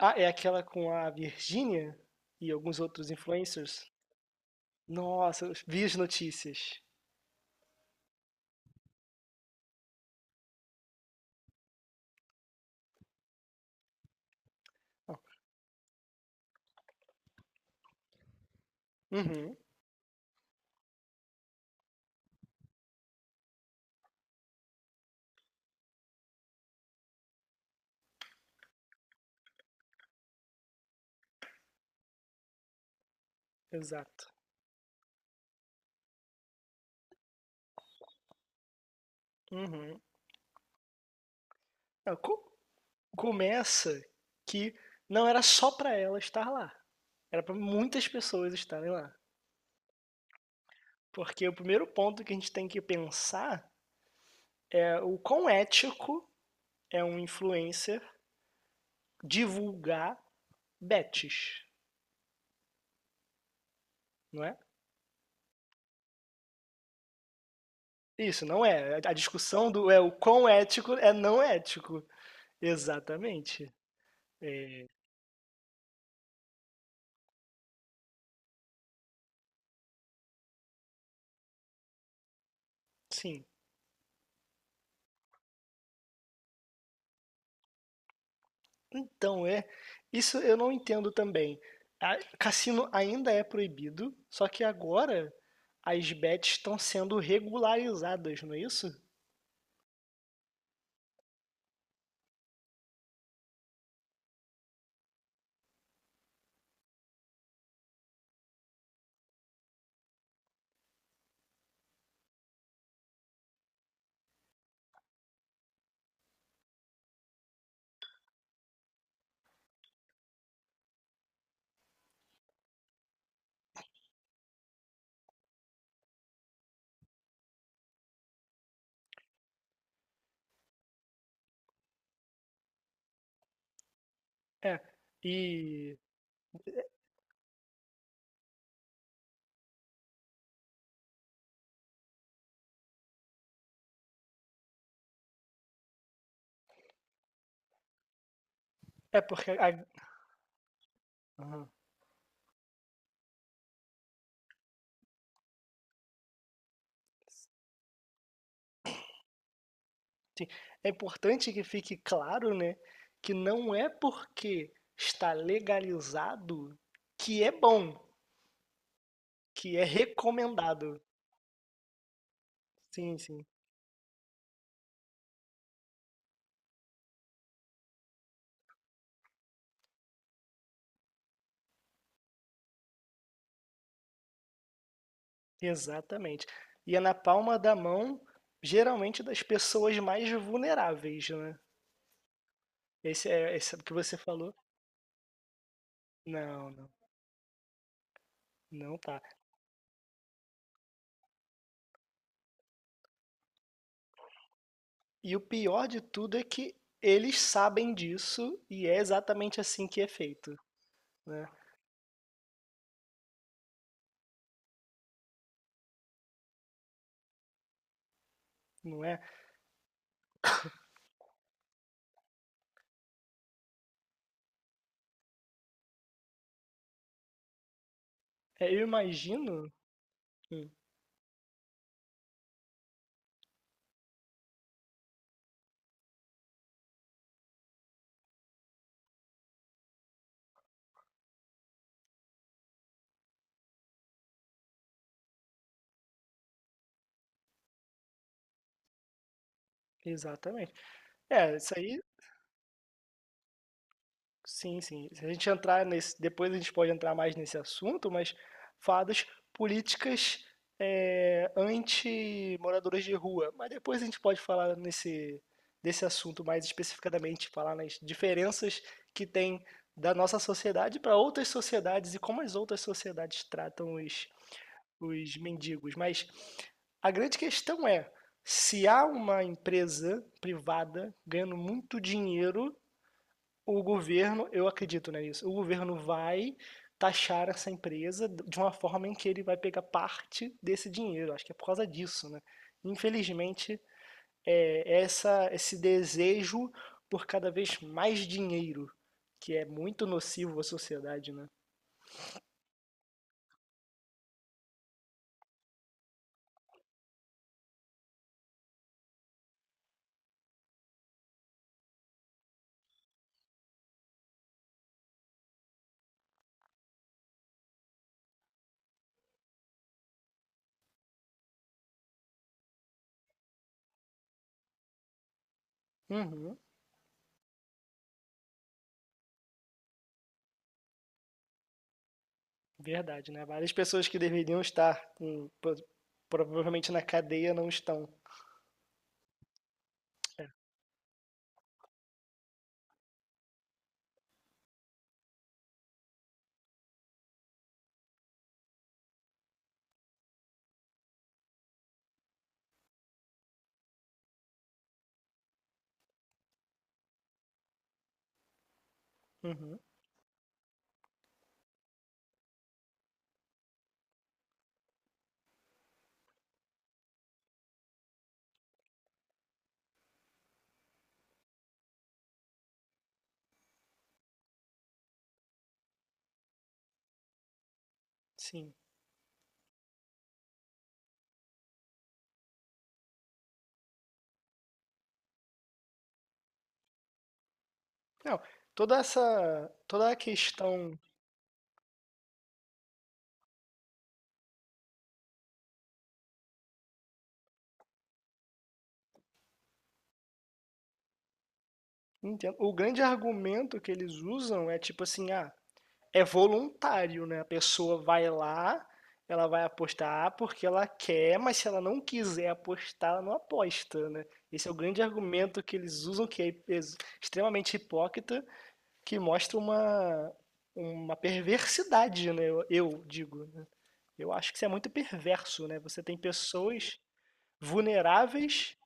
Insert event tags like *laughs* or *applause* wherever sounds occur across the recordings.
Ah, é aquela com a Virgínia e alguns outros influencers? Nossa, eu vi as notícias. Ah, uhum, exato. Uhum. Ah, co- Começa que não era só pra ela estar lá, era pra muitas pessoas estarem lá. Porque o primeiro ponto que a gente tem que pensar é o quão ético é um influencer divulgar bets, não é? Isso, não é. A discussão do é o quão ético é não ético. Exatamente. Sim. Então, é. Isso eu não entendo também. A- cassino ainda é proibido, só que agora as bets estão sendo regularizadas, não é isso? É. E é aham. É importante que fique claro, né, que não é porque está legalizado que é bom, que é recomendado. Sim, sim. Exatamente. E é na palma da mão, geralmente das pessoas mais vulneráveis, né? Esse é o que você falou. Não, não, não tá. E o pior de tudo é que eles sabem disso e é exatamente assim que é feito, né? Não é? É, eu imagino. Hum, exatamente. É, isso aí. Sim, sim. Se a gente entrar nesse, depois a gente pode entrar mais nesse assunto, mas fadas políticas, anti-moradores de rua. Mas depois a gente pode falar nesse, desse assunto mais especificadamente, falar nas diferenças que tem da nossa sociedade para outras sociedades e como as outras sociedades tratam os mendigos. Mas a grande questão é, se há uma empresa privada ganhando muito dinheiro, o governo, eu acredito né, nisso, o governo vai taxar essa empresa de uma forma em que ele vai pegar parte desse dinheiro. Acho que é por causa disso, né? Infelizmente, é essa, esse desejo por cada vez mais dinheiro, que é muito nocivo à sociedade, né? Uhum, verdade, né? Várias pessoas que deveriam estar provavelmente na cadeia não estão. É. Uhum, sim. Não, toda essa, toda a questão. Entendo. O grande argumento que eles usam é tipo assim, ah, é voluntário, né? A pessoa vai lá, ela vai apostar porque ela quer, mas se ela não quiser apostar, ela não aposta, né? Esse é o grande argumento que eles usam, que extremamente hipócrita, que mostra uma perversidade, né? Eu digo, né? Eu acho que isso é muito perverso, né? Você tem pessoas vulneráveis.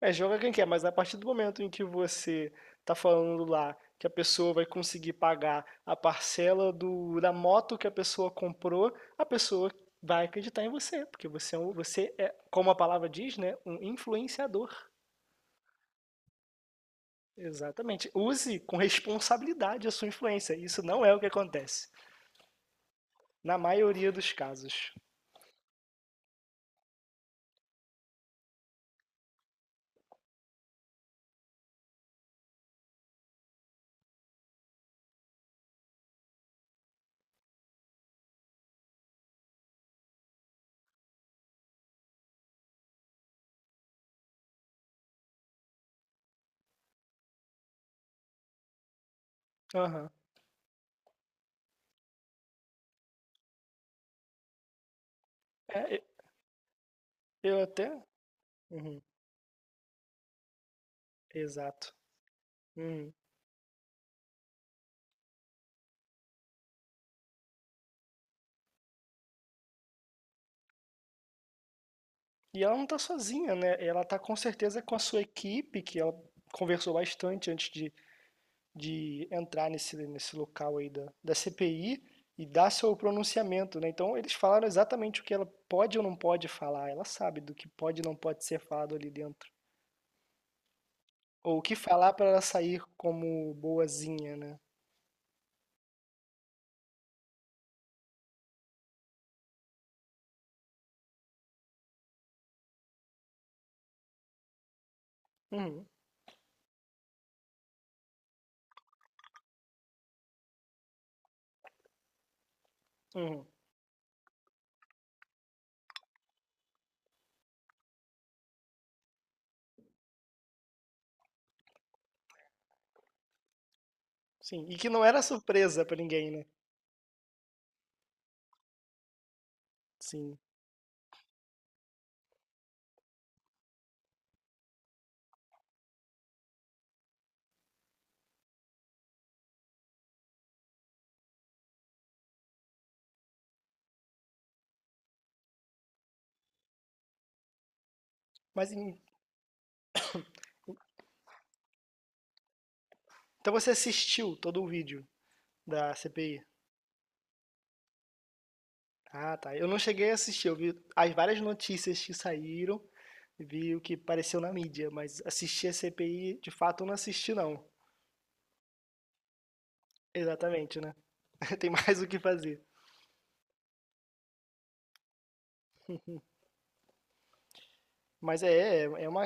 É, joga quem quer, mas a partir do momento em que você tá falando lá que a pessoa vai conseguir pagar a parcela do, da moto que a pessoa comprou, a pessoa vai acreditar em você, porque você, é você é, como a palavra diz, né, um influenciador. Exatamente. Use com responsabilidade a sua influência. Isso não é o que acontece, na maioria dos casos. Aham. É, e- eu até. Uhum, exato. Uhum. E ela não está sozinha, né? Ela está com certeza com a sua equipe, que ela conversou bastante antes de entrar nesse, nesse local aí da, da CPI e dar seu pronunciamento, né? Então eles falaram exatamente o que ela pode ou não pode falar. Ela sabe do que pode e não pode ser falado ali dentro. Ou o que falar para ela sair como boazinha, né? Uhum, uhum, sim. E que não era surpresa para ninguém, né? Sim. Mas em- então você assistiu todo o vídeo da CPI? Ah, tá. Eu não cheguei a assistir, eu vi as várias notícias que saíram, vi o que apareceu na mídia, mas assistir a CPI, de fato, eu não assisti, não. Exatamente, né? *laughs* Tem mais o que fazer. Mas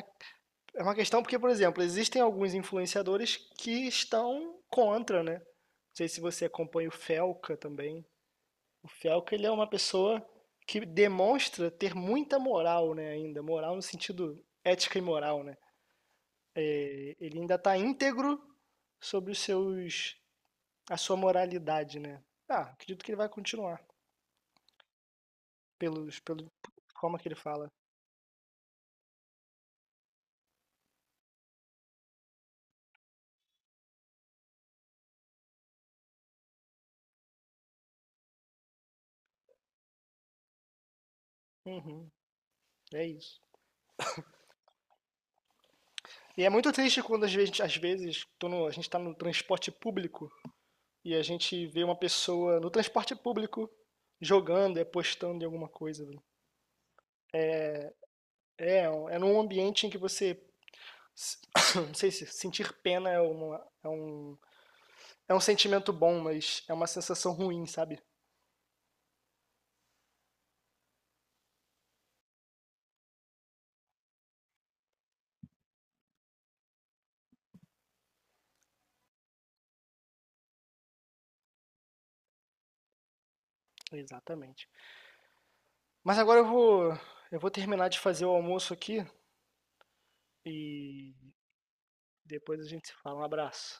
é uma questão porque, por exemplo, existem alguns influenciadores que estão contra, né? Não sei se você acompanha o Felca também. O Felca, ele é uma pessoa que demonstra ter muita moral, né, ainda. Moral no sentido ética e moral, né? Ele ainda está íntegro sobre os seus a sua moralidade, né? Ah, acredito que ele vai continuar pelo como que ele fala. Uhum, é isso. E é muito triste quando às vezes tô no- a gente está no transporte público e a gente vê uma pessoa no transporte público jogando, é postando em alguma coisa. Velho. É, é num ambiente em que você se- *coughs* não sei se sentir pena é é um, é um sentimento bom, mas é uma sensação ruim, sabe? Exatamente. Mas agora eu vou terminar de fazer o almoço aqui e depois a gente se fala. Um abraço.